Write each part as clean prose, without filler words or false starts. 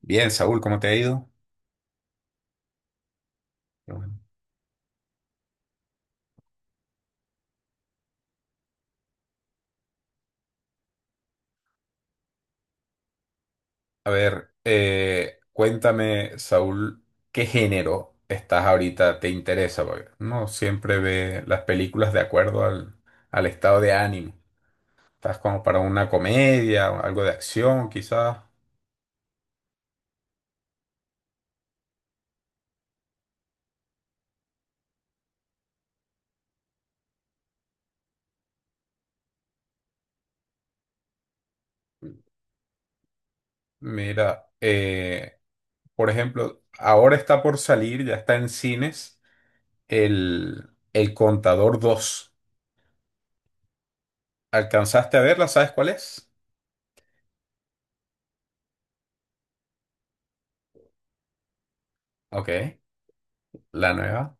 Bien, Saúl, ¿cómo te ha ido? Qué bueno. A ver, cuéntame, Saúl, ¿qué género estás ahorita? ¿Te interesa? Porque no siempre ve las películas de acuerdo al estado de ánimo. ¿Estás como para una comedia, o algo de acción, quizás? Mira, por ejemplo, ahora está por salir, ya está en cines, El Contador 2. ¿Alcanzaste a verla? ¿Sabes cuál es? Ok, la nueva.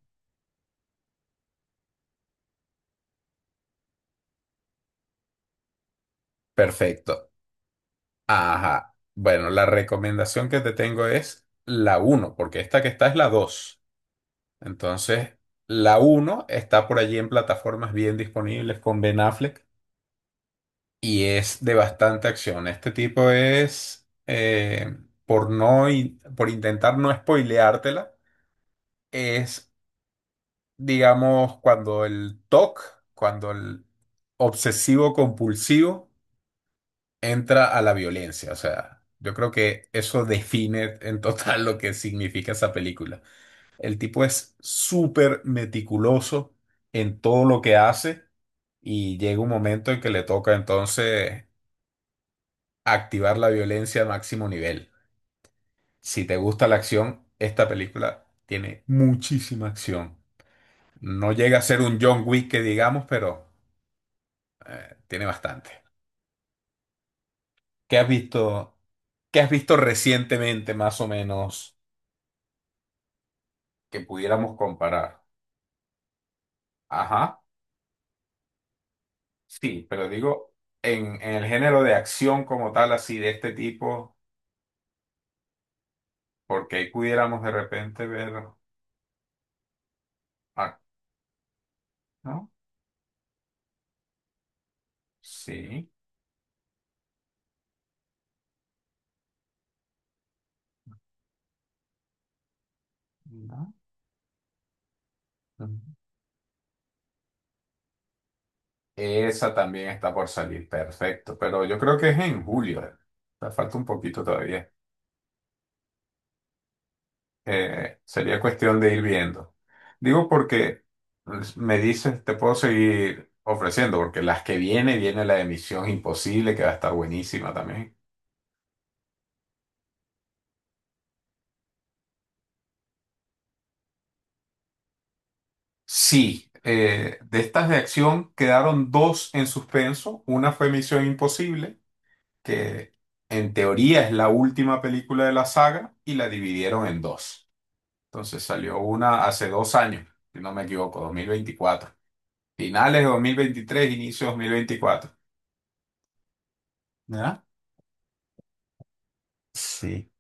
Perfecto. Ajá. Bueno, la recomendación que te tengo es la uno, porque esta que está es la 2. Entonces, la uno está por allí en plataformas bien disponibles con Ben Affleck y es de bastante acción. Este tipo es, por intentar no spoileártela, es, digamos, cuando el TOC, cuando el obsesivo compulsivo entra a la violencia. O sea, yo creo que eso define en total lo que significa esa película. El tipo es súper meticuloso en todo lo que hace y llega un momento en que le toca entonces activar la violencia a máximo nivel. Si te gusta la acción, esta película tiene muchísima acción. No llega a ser un John Wick que digamos, pero tiene bastante. ¿Qué has visto? ¿Qué has visto recientemente, más o menos? Que pudiéramos comparar. Ajá, sí, pero digo, en el género de acción como tal, así de este tipo, porque ahí pudiéramos de repente ver, ah, ¿no? Sí, ¿no? Ujú. Esa también está por salir, perfecto, pero yo creo que es en julio. O sea, falta un poquito todavía. Sería cuestión de ir viendo. Digo porque pues, me dices, te puedo seguir ofreciendo, porque las que viene la de Misión Imposible, que va a estar buenísima también. Sí, de estas de acción quedaron dos en suspenso. Una fue Misión Imposible, que en teoría es la última película de la saga, y la dividieron en dos. Entonces salió una hace 2 años, si no me equivoco, 2024. Finales de 2023, inicio de 2024. ¿Ya? Sí.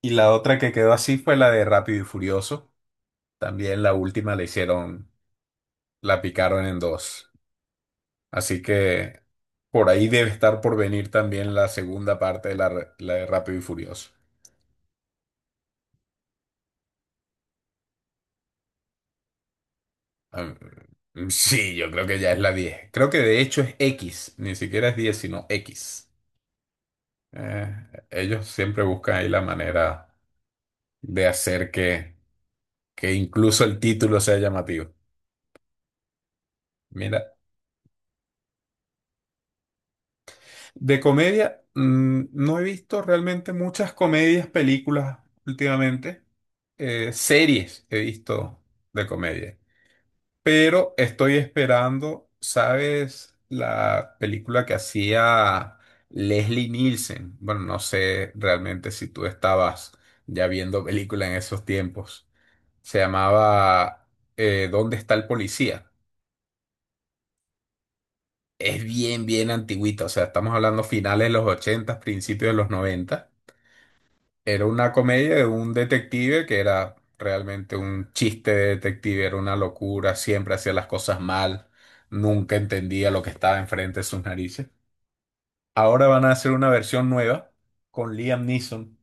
Y la otra que quedó así fue la de Rápido y Furioso. También la última la hicieron, la picaron en dos. Así que por ahí debe estar por venir también la segunda parte de la, la de Rápido y Furioso. Ah, sí, yo creo que ya es la 10. Creo que de hecho es X, ni siquiera es 10, sino X. Ellos siempre buscan ahí la manera de hacer que incluso el título sea llamativo. Mira, de comedia, no he visto realmente muchas comedias, películas últimamente. Series he visto de comedia. Pero estoy esperando, ¿sabes? La película que hacía Leslie Nielsen. Bueno, no sé realmente si tú estabas ya viendo película en esos tiempos. Se llamaba ¿Dónde está el policía? Es bien, bien antigüita. O sea, estamos hablando finales de los 80, principios de los 90. Era una comedia de un detective que era realmente un chiste de detective, era una locura, siempre hacía las cosas mal, nunca entendía lo que estaba enfrente de sus narices. Ahora van a hacer una versión nueva con Liam Neeson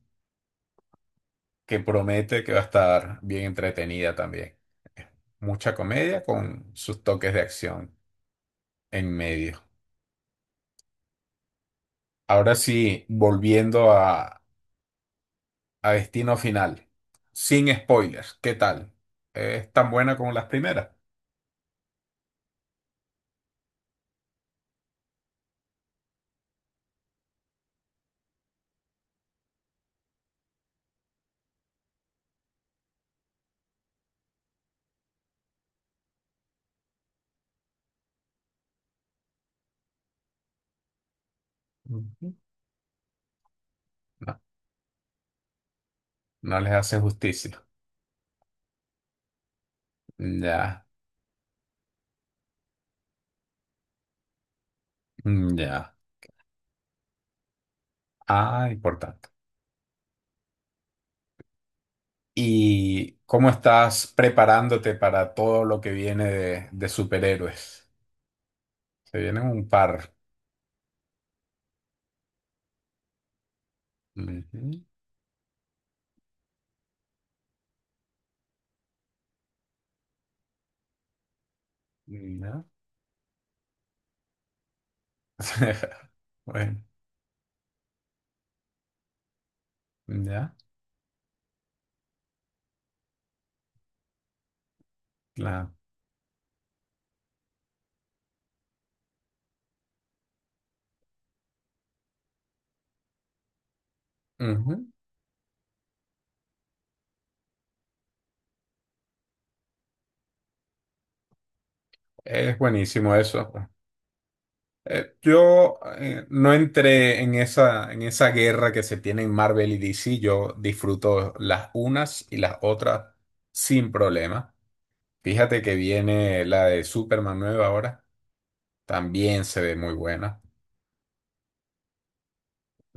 que promete que va a estar bien entretenida también. Mucha comedia con sus toques de acción en medio. Ahora sí, volviendo a Destino Final, sin spoilers, ¿qué tal? ¿Es tan buena como las primeras? Ujú. No les hace justicia. Ya, ya. Ah, importante. ¿Y cómo estás preparándote para todo lo que viene de superhéroes? Se vienen un par. Ujú, ya. Bueno, ya, claro. Ujú. Es buenísimo eso. Yo, no entré en esa guerra que se tiene en Marvel y DC. Yo disfruto las unas y las otras sin problema. Fíjate que viene la de Superman nueva ahora. También se ve muy buena.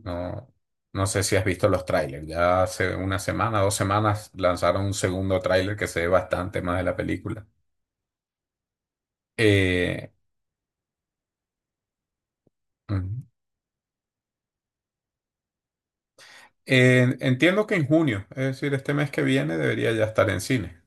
No, no sé si has visto los trailers. Ya hace una semana, 2 semanas lanzaron un segundo tráiler que se ve bastante más de la película. Eh, ujú. Entiendo que en junio, es decir, este mes que viene debería ya estar en cine.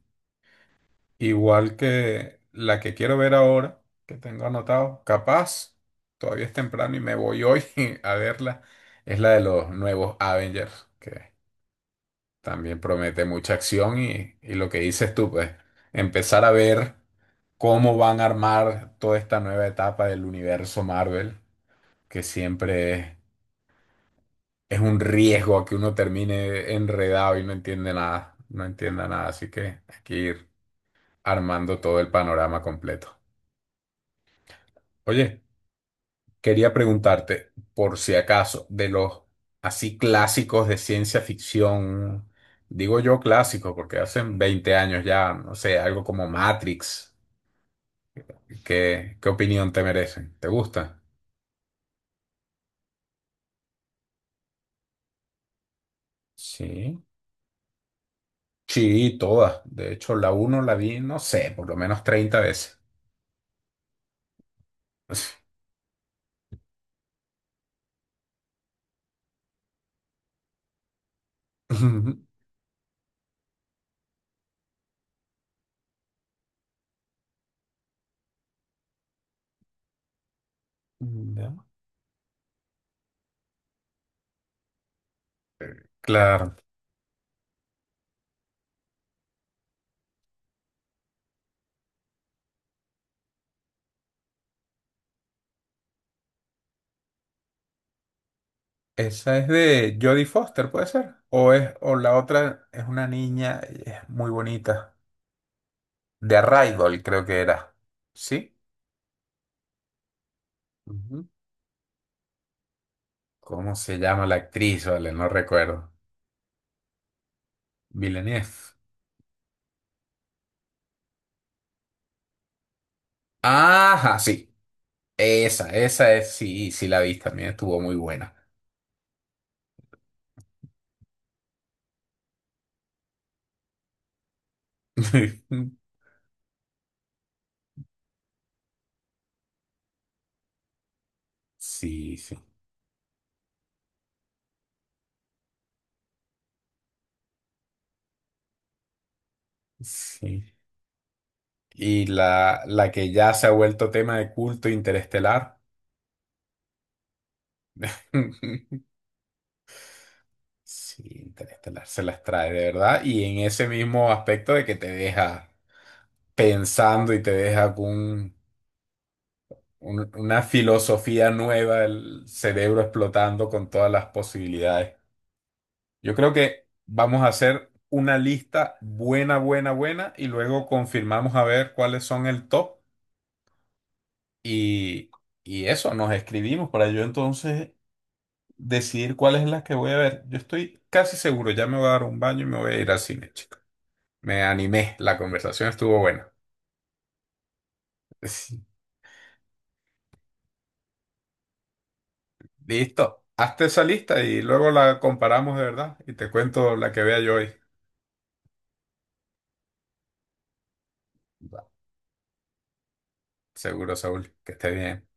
Igual que la que quiero ver ahora, que tengo anotado, capaz, todavía es temprano y me voy hoy a verla, es la de los nuevos Avengers, que también promete mucha acción y lo que dices tú, pues, empezar a ver cómo van a armar toda esta nueva etapa del universo Marvel, que siempre es un riesgo a que uno termine enredado y no entiende nada, no entienda nada, así que hay que ir armando todo el panorama completo. Oye. Quería preguntarte, por si acaso, de los así clásicos de ciencia ficción, digo yo clásicos porque hacen 20 años ya, no sé, algo como Matrix, ¿qué opinión te merecen? ¿Te gusta? Sí. Sí, todas. De hecho, la uno la vi, no sé, por lo menos 30 veces. Ya. Claro. Esa es de Jodie Foster, ¿puede ser? O es, o la otra es una niña, es muy bonita. De Arrival, creo que era. ¿Sí? Ujú. ¿Cómo se llama la actriz? Vale, no recuerdo. Villeneuve. Ajá, sí. Esa es, sí, sí la vi también, estuvo muy buena. Sí, sí, sí. Y la que ya se ha vuelto tema de culto interestelar. Sí, Interestelar se las trae de verdad. Y en ese mismo aspecto de que te deja pensando y te deja con, una filosofía nueva, el cerebro explotando con todas las posibilidades. Yo creo que vamos a hacer una lista buena, buena, buena y luego confirmamos a ver cuáles son el top y, y eso, nos escribimos para yo entonces decidir cuáles es las que voy a ver. Yo estoy casi seguro, ya me voy a dar un baño y me voy a ir al cine, chico. Me animé, la conversación estuvo buena. Sí. Listo, hazte esa lista y luego la comparamos de verdad y te cuento la que vea yo hoy. Seguro, Saúl, que esté bien.